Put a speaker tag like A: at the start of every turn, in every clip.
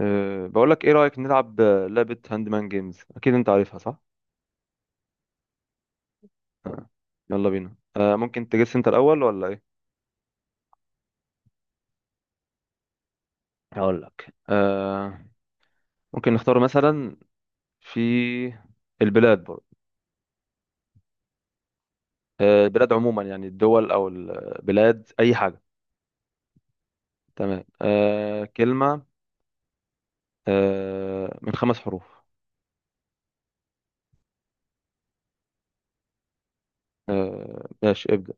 A: بقول لك ايه رأيك نلعب لعبة هاند مان جيمز، اكيد انت عارفها صح؟ أه. يلا بينا. ممكن تجس انت الاول ولا ايه؟ هقول لك أه. ممكن نختار مثلا في البلاد برضه. البلاد عموما، يعني الدول او البلاد، اي حاجة. تمام. كلمة من خمس حروف. ماشي، ابدأ.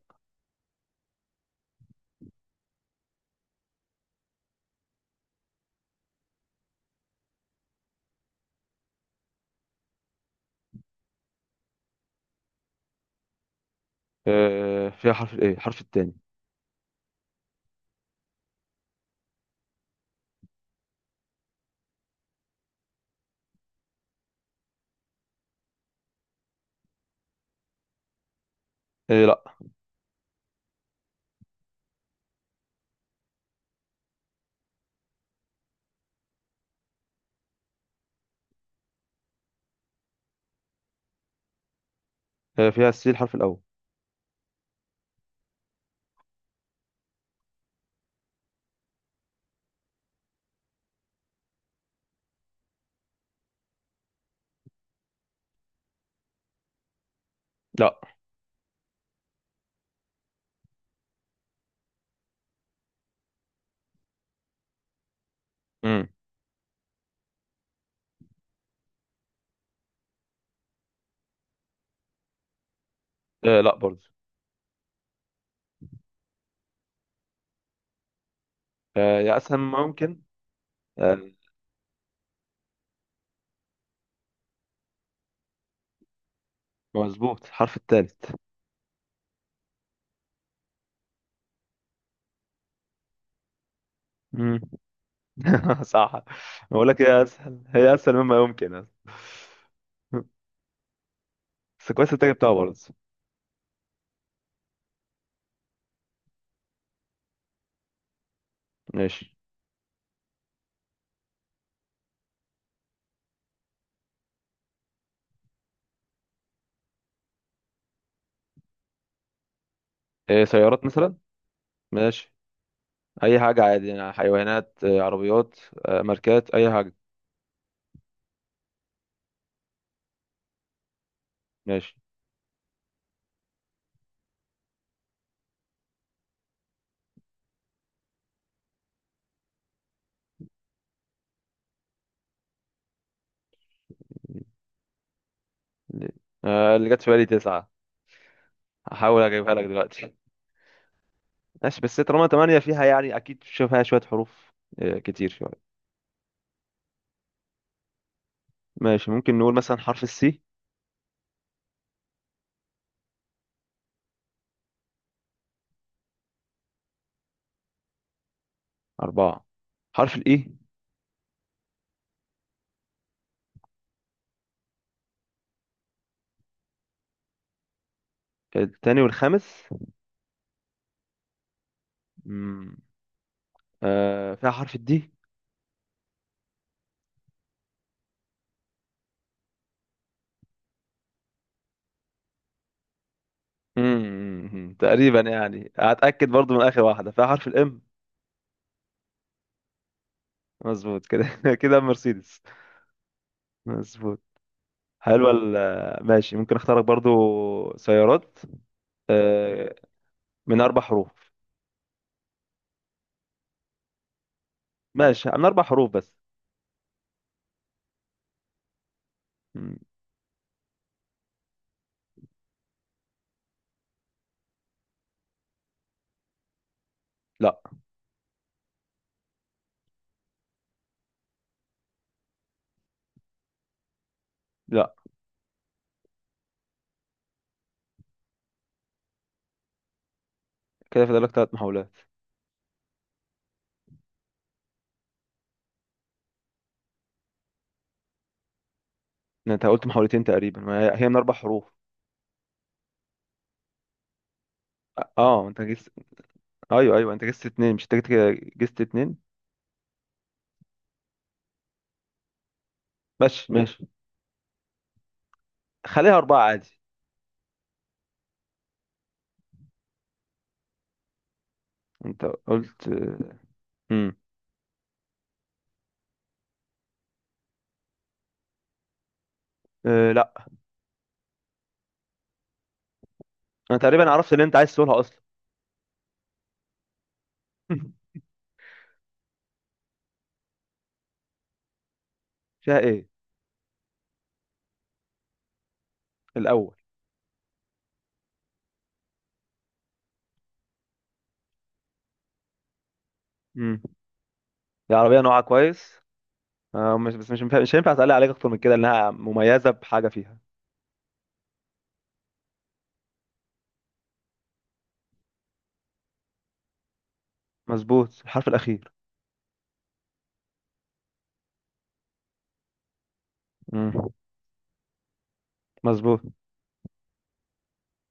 A: فيها حرف الايه، حرف التاني. إيه، لا. فيها السي، الحرف الاول. لا. امم. لا برضه. يا اسهل ما ممكن. أه، مظبوط الحرف الثالث. مم. صح. بقول لك هي اسهل، هي اسهل مما يمكن أصلاً. بس كويس انت جبتها برضه. ماشي. إيه، سيارات مثلا. ماشي. اي حاجه عادي، يعني حيوانات، عربيات، ماركات، اي حاجه. ماشي. اللي جت في بالي تسعه. هحاول اجيبها لك دلوقتي. ماشي، بس طالما تمانية فيها يعني اكيد فيها شويه حروف، كتير شويه. ماشي، ممكن نقول مثلا حرف السي. اربعه. حرف الاي. التاني والخامس. فيها حرف الدي. تقريبا يعني هتأكد برضو من آخر واحدة، فيها حرف الام. مظبوط كده كده، مرسيدس. مظبوط. حلوة، ماشي، ممكن اختارك برضو سيارات، آه من أربع حروف. ماشي، من أربع حروف بس. مم. لا. لا. كده فاضل لك ثلاث محاولات. انت قلت محاولتين، تقريبا ما هي هي من أربع حروف. اه. انت جست. ايوه ايوه، انت جست اتنين، مش انت جست جست اتنين. ماشي ماشي. خليها أربعة عادي. انت قلت. مم. لا. انا تقريبا عرفت اللي انت عايز تقولها اصلا. فيها ايه الاول. امم. دي عربيه نوعها كويس. مش بس، مش هينفع اسال عليك اكتر من كده، انها مميزه بحاجه فيها. مظبوط، الحرف الاخير. امم. مظبوط،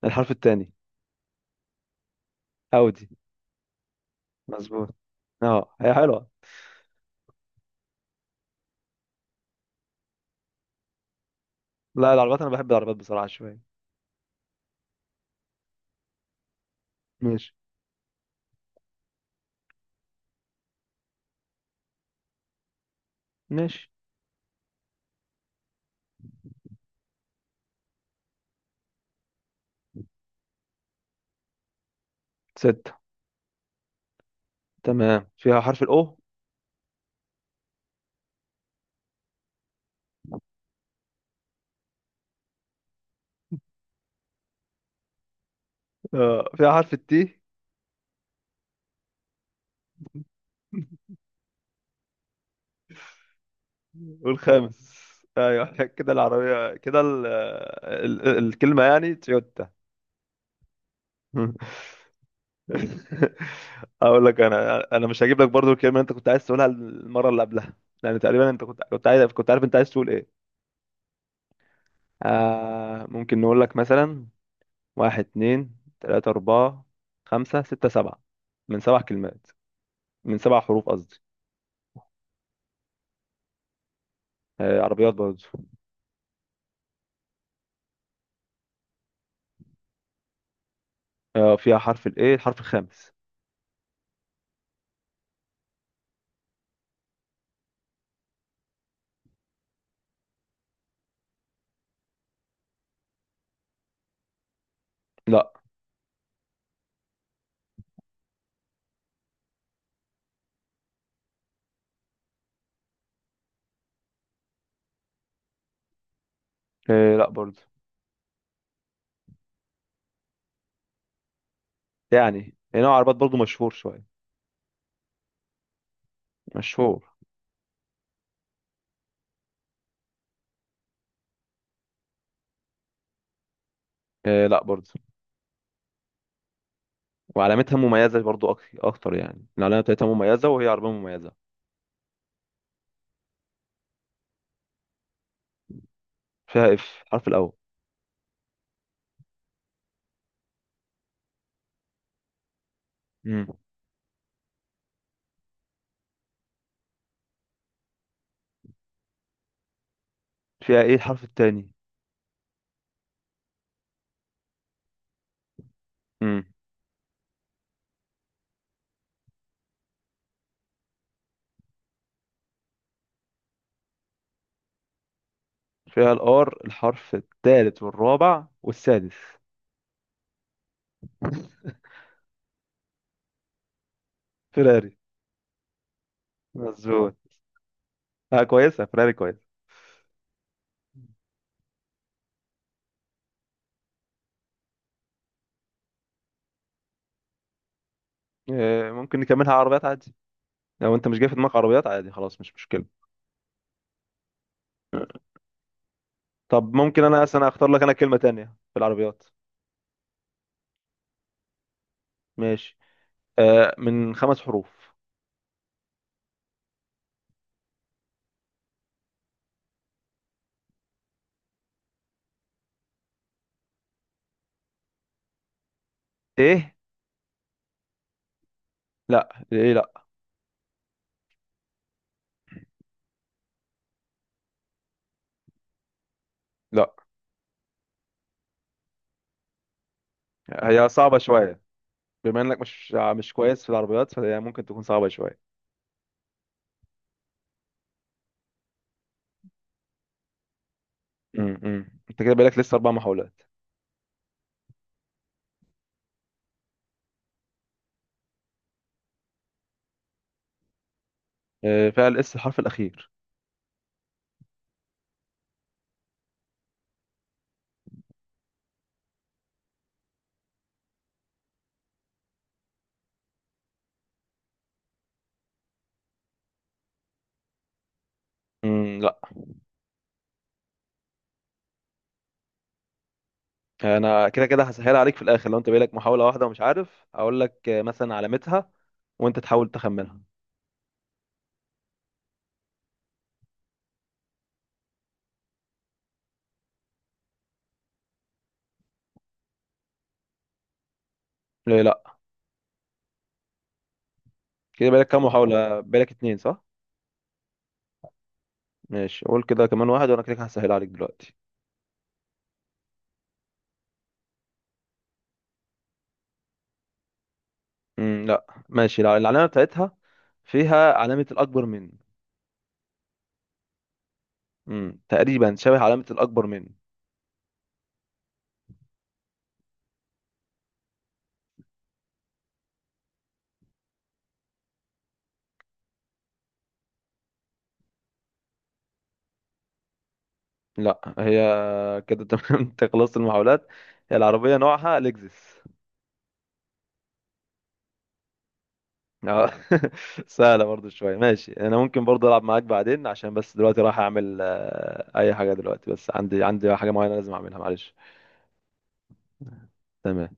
A: الحرف الثاني. اودي. مظبوط. اه، هي حلوه. لا، العربيات انا بحب العربيات بصراحه شويه. ماشي. ماشي. ستة. تمام، فيها حرف الاو. فيها حرف التي. والخامس. ايوه كده العربيه كده الكلمه يعني تويوتا. اقول لك انا مش هجيب لك برضو الكلمه اللي انت كنت عايز تقولها المره اللي قبلها. يعني تقريبا انت كنت عايز، كنت عارف انت عايز تقول ايه. ممكن نقول لك مثلا. واحد اتنين تلاته اربعه خمسه سته سبعه. من سبع كلمات. من سبع حروف قصدي. عربيات برضو. فيها حرف الايه، الحرف الخامس. لا. لا برضو. يعني هي نوع عربيات برضو مشهور شويه. مشهور. لا برضو. وعلامتها مميزه برضو، اكتر، يعني العلامه بتاعتها مميزه وهي عربيه مميزه. فيها اف، الحرف الاول. مم. فيها ايه، الحرف التاني. مم. فيها الار، الحرف التالت والرابع والسادس. فيراري. مظبوط. اه، كويسه، فيراري كويس. ممكن نكملها عربيات عادي. لو انت مش جاي في دماغك عربيات عادي، خلاص مش مشكله. طب ممكن انا اصلا اختار لك انا كلمه تانية في العربيات. ماشي. من خمس حروف. ايه، لا، ايه، لا. لا. هي صعبه شويه. بما انك مش كويس في العربيات، فهي ممكن تكون صعبه شويه. انت كده بقالك لسه اربع محاولات. فيها الاس، الحرف الاخير. لا. انا كده كده هسهل عليك في الاخر، لو انت بقالك محاوله واحده ومش عارف هقول لك مثلا علامتها. وانت تحاول تخمنها. ليه لا؟ كده بقالك كام محاوله؟ بقالك اتنين صح؟ ماشي، قول كده كمان واحد وانا كده كده هسهل عليك دلوقتي. لا ماشي، لا، العلامه بتاعتها فيها علامه الاكبر من. تقريبا شبه علامه الاكبر من. لا، هي. كده تمام. انت خلصت المحاولات. هي العربيه نوعها لexus. اه. سهلة برضو شوية. ماشي، انا ممكن برضو العب معاك بعدين، عشان بس دلوقتي رايح اعمل اي حاجة دلوقتي، بس عندي حاجة معينة لازم اعملها، معلش. تمام.